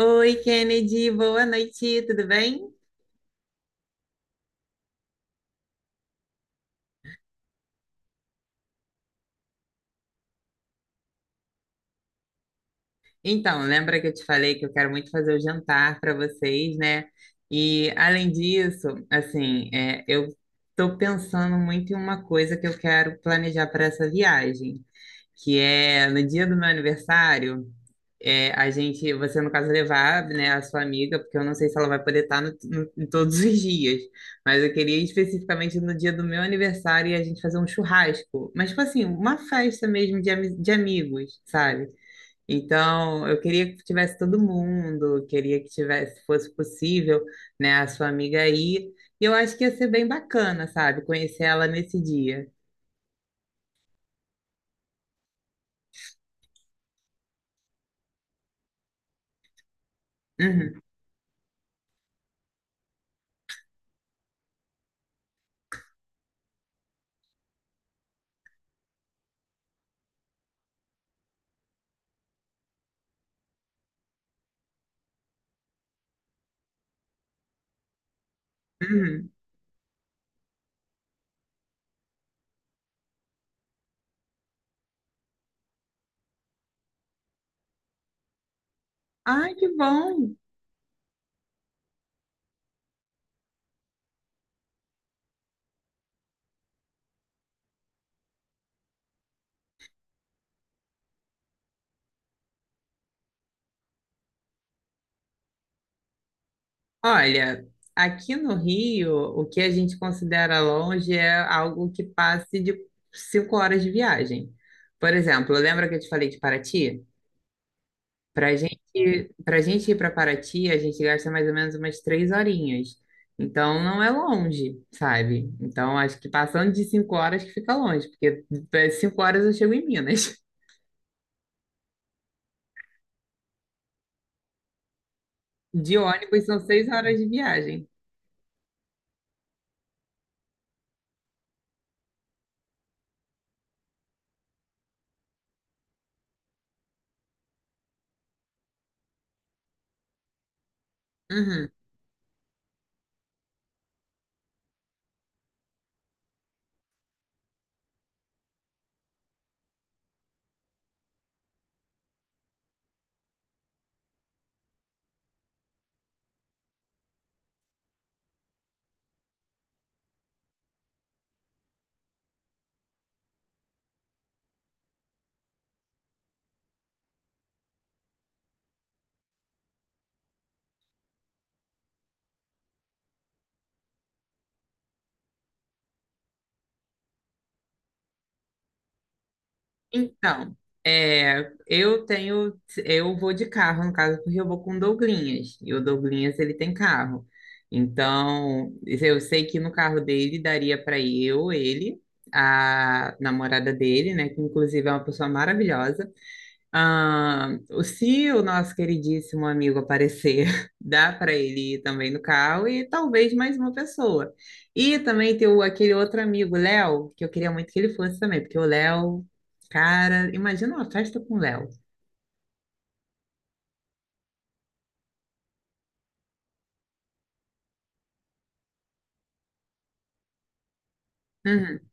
Oi, Kennedy, boa noite, tudo bem? Então, lembra que eu te falei que eu quero muito fazer o jantar para vocês, né? E além disso, assim, eu estou pensando muito em uma coisa que eu quero planejar para essa viagem, que é no dia do meu aniversário. A gente, você no caso levar, né, a sua amiga, porque eu não sei se ela vai poder estar em todos os dias, mas eu queria ir especificamente no dia do meu aniversário e a gente fazer um churrasco, mas tipo assim, uma festa mesmo de, de amigos, sabe? Então, eu queria que tivesse todo mundo, queria que tivesse, se fosse possível, né, a sua amiga aí. E eu acho que ia ser bem bacana, sabe? Conhecer ela nesse dia. Uhum, uhum. Ai, que bom! Olha, aqui no Rio, o que a gente considera longe é algo que passe de cinco horas de viagem. Por exemplo, lembra que eu te falei de Paraty? Para gente ir para Paraty, a gente gasta mais ou menos umas três horinhas. Então, não é longe, sabe? Então, acho que passando de cinco horas que fica longe, porque cinco horas eu chego em Minas. De ônibus são seis horas de viagem. Uhum. Então, eu tenho, eu vou de carro, no caso, porque eu vou com o Douglinhas, e o Douglinhas, ele tem carro. Então, eu sei que no carro dele daria para eu, ele, a namorada dele, né, que inclusive é uma pessoa maravilhosa. Ah, se o nosso queridíssimo amigo aparecer, dá para ele ir também no carro e talvez mais uma pessoa. E também tem aquele outro amigo, Léo, que eu queria muito que ele fosse também, porque o Léo, cara, imagina uma festa com o Léo. Uhum.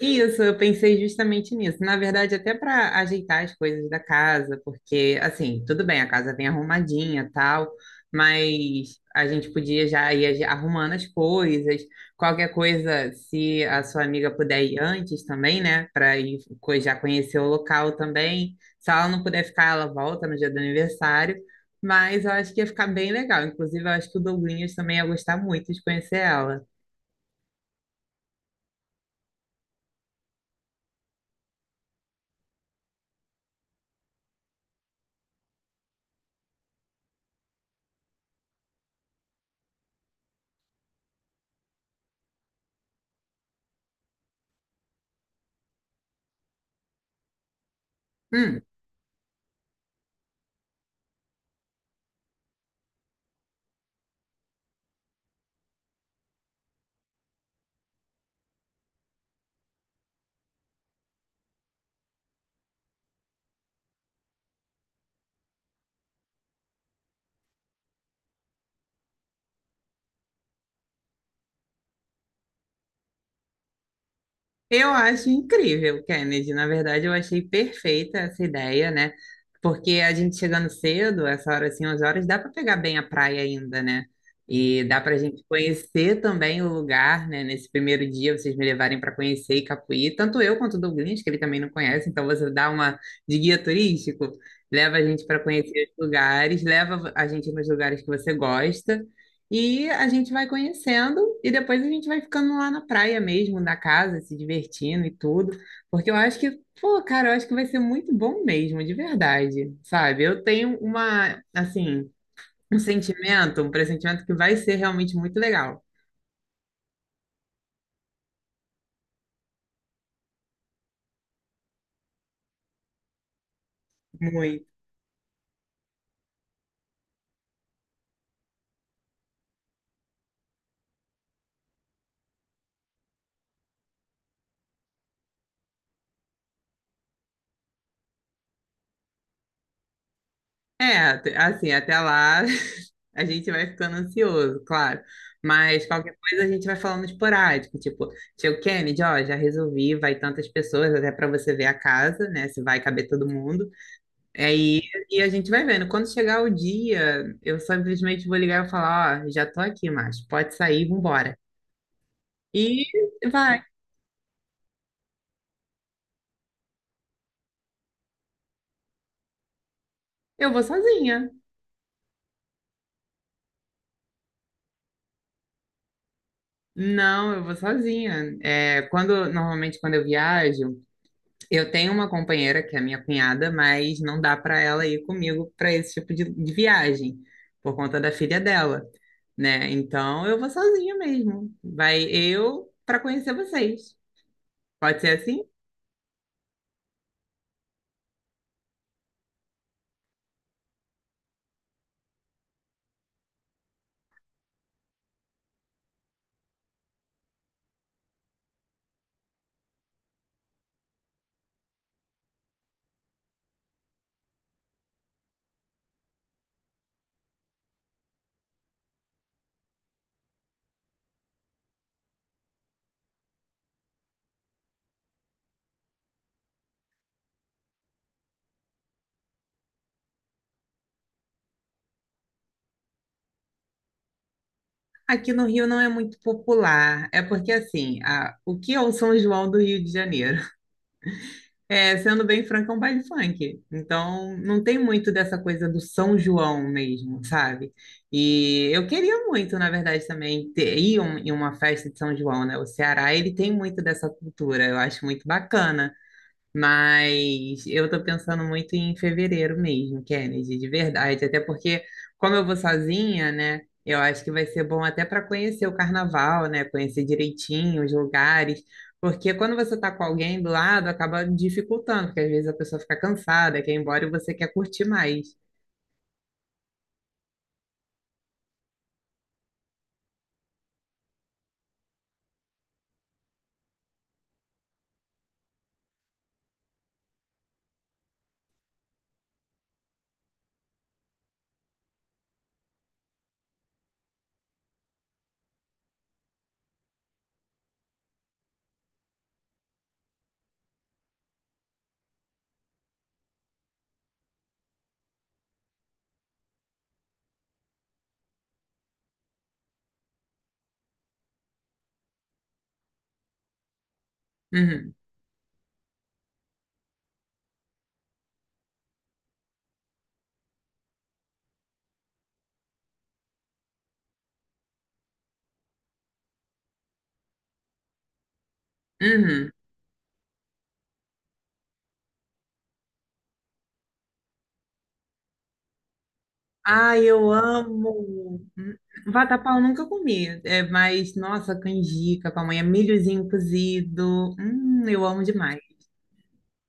Isso, eu pensei justamente nisso. Na verdade, até para ajeitar as coisas da casa, porque, assim, tudo bem, a casa vem arrumadinha, tal, mas a gente podia já ir arrumando as coisas. Qualquer coisa, se a sua amiga puder ir antes também, né, para ir já conhecer o local também. Se ela não puder ficar, ela volta no dia do aniversário. Mas eu acho que ia ficar bem legal. Inclusive, eu acho que o Douglinhas também ia gostar muito de conhecer ela. Hum. Eu acho incrível, Kennedy. Na verdade, eu achei perfeita essa ideia, né? Porque a gente chegando cedo, essa hora assim, 11 horas, dá para pegar bem a praia ainda, né? E dá para a gente conhecer também o lugar, né? Nesse primeiro dia, vocês me levarem para conhecer Icapuí, tanto eu quanto o Douglas, que ele também não conhece, então você dá uma de guia turístico, leva a gente para conhecer os lugares, leva a gente nos lugares que você gosta. E a gente vai conhecendo e depois a gente vai ficando lá na praia mesmo, na casa, se divertindo e tudo. Porque eu acho que, pô, cara, eu acho que vai ser muito bom mesmo, de verdade, sabe? Eu tenho uma, assim, um sentimento, um pressentimento que vai ser realmente muito legal. Muito. É, assim, até lá a gente vai ficando ansioso, claro. Mas qualquer coisa a gente vai falando esporádico, tipo, tio Kennedy, ó, já resolvi, vai tantas pessoas, até para você ver a casa, né, se vai caber todo mundo. Aí e a gente vai vendo. Quando chegar o dia, eu simplesmente vou ligar e falar, ó, já tô aqui, Márcio, pode sair, vambora. E vai. Eu vou sozinha. Não, eu vou sozinha. É, quando normalmente quando eu viajo, eu tenho uma companheira que é minha cunhada, mas não dá para ela ir comigo para esse tipo de viagem por conta da filha dela, né? Então eu vou sozinha mesmo. Vai eu para conhecer vocês. Pode ser assim? Aqui no Rio não é muito popular. É porque, assim, o que é o São João do Rio de Janeiro? É, sendo bem franco, é um baile funk. Então, não tem muito dessa coisa do São João mesmo, sabe? E eu queria muito, na verdade, também ter, ir em uma festa de São João, né? O Ceará, ele tem muito dessa cultura. Eu acho muito bacana. Mas eu tô pensando muito em fevereiro mesmo, Kennedy, de verdade. Até porque, como eu vou sozinha, né? Eu acho que vai ser bom até para conhecer o carnaval, né? Conhecer direitinho os lugares. Porque quando você tá com alguém do lado, acaba dificultando, porque às vezes a pessoa fica cansada, quer ir embora e você quer curtir mais. Uhum. Uhum. Ai, eu amo! Vatapá eu nunca comi, é, mas nossa, canjica, pamonha, milhozinho cozido. Eu amo demais.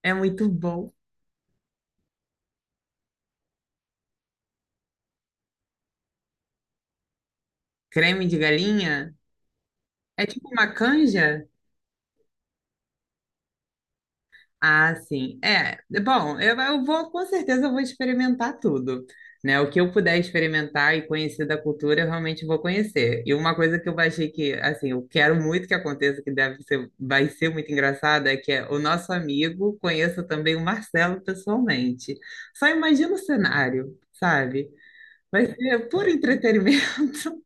É muito bom. Creme de galinha? É tipo uma canja? Ah, sim. É, bom, eu vou, com certeza, eu vou experimentar tudo, né? O que eu puder experimentar e conhecer da cultura, eu realmente vou conhecer. E uma coisa que eu achei que, assim, eu quero muito que aconteça, que deve ser, vai ser muito engraçado, é que o nosso amigo conheça também o Marcelo pessoalmente. Só imagina o cenário, sabe? Vai ser puro entretenimento.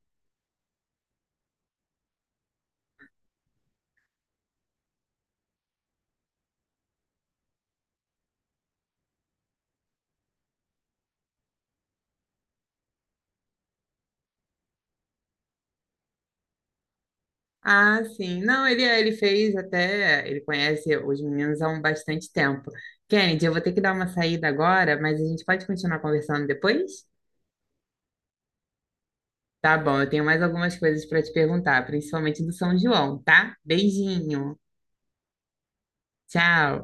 Ah, sim. Não, ele, é, ele fez até. Ele conhece os meninos há um bastante tempo. Kennedy, eu vou ter que dar uma saída agora, mas a gente pode continuar conversando depois? Tá bom, eu tenho mais algumas coisas para te perguntar, principalmente do São João, tá? Beijinho. Tchau.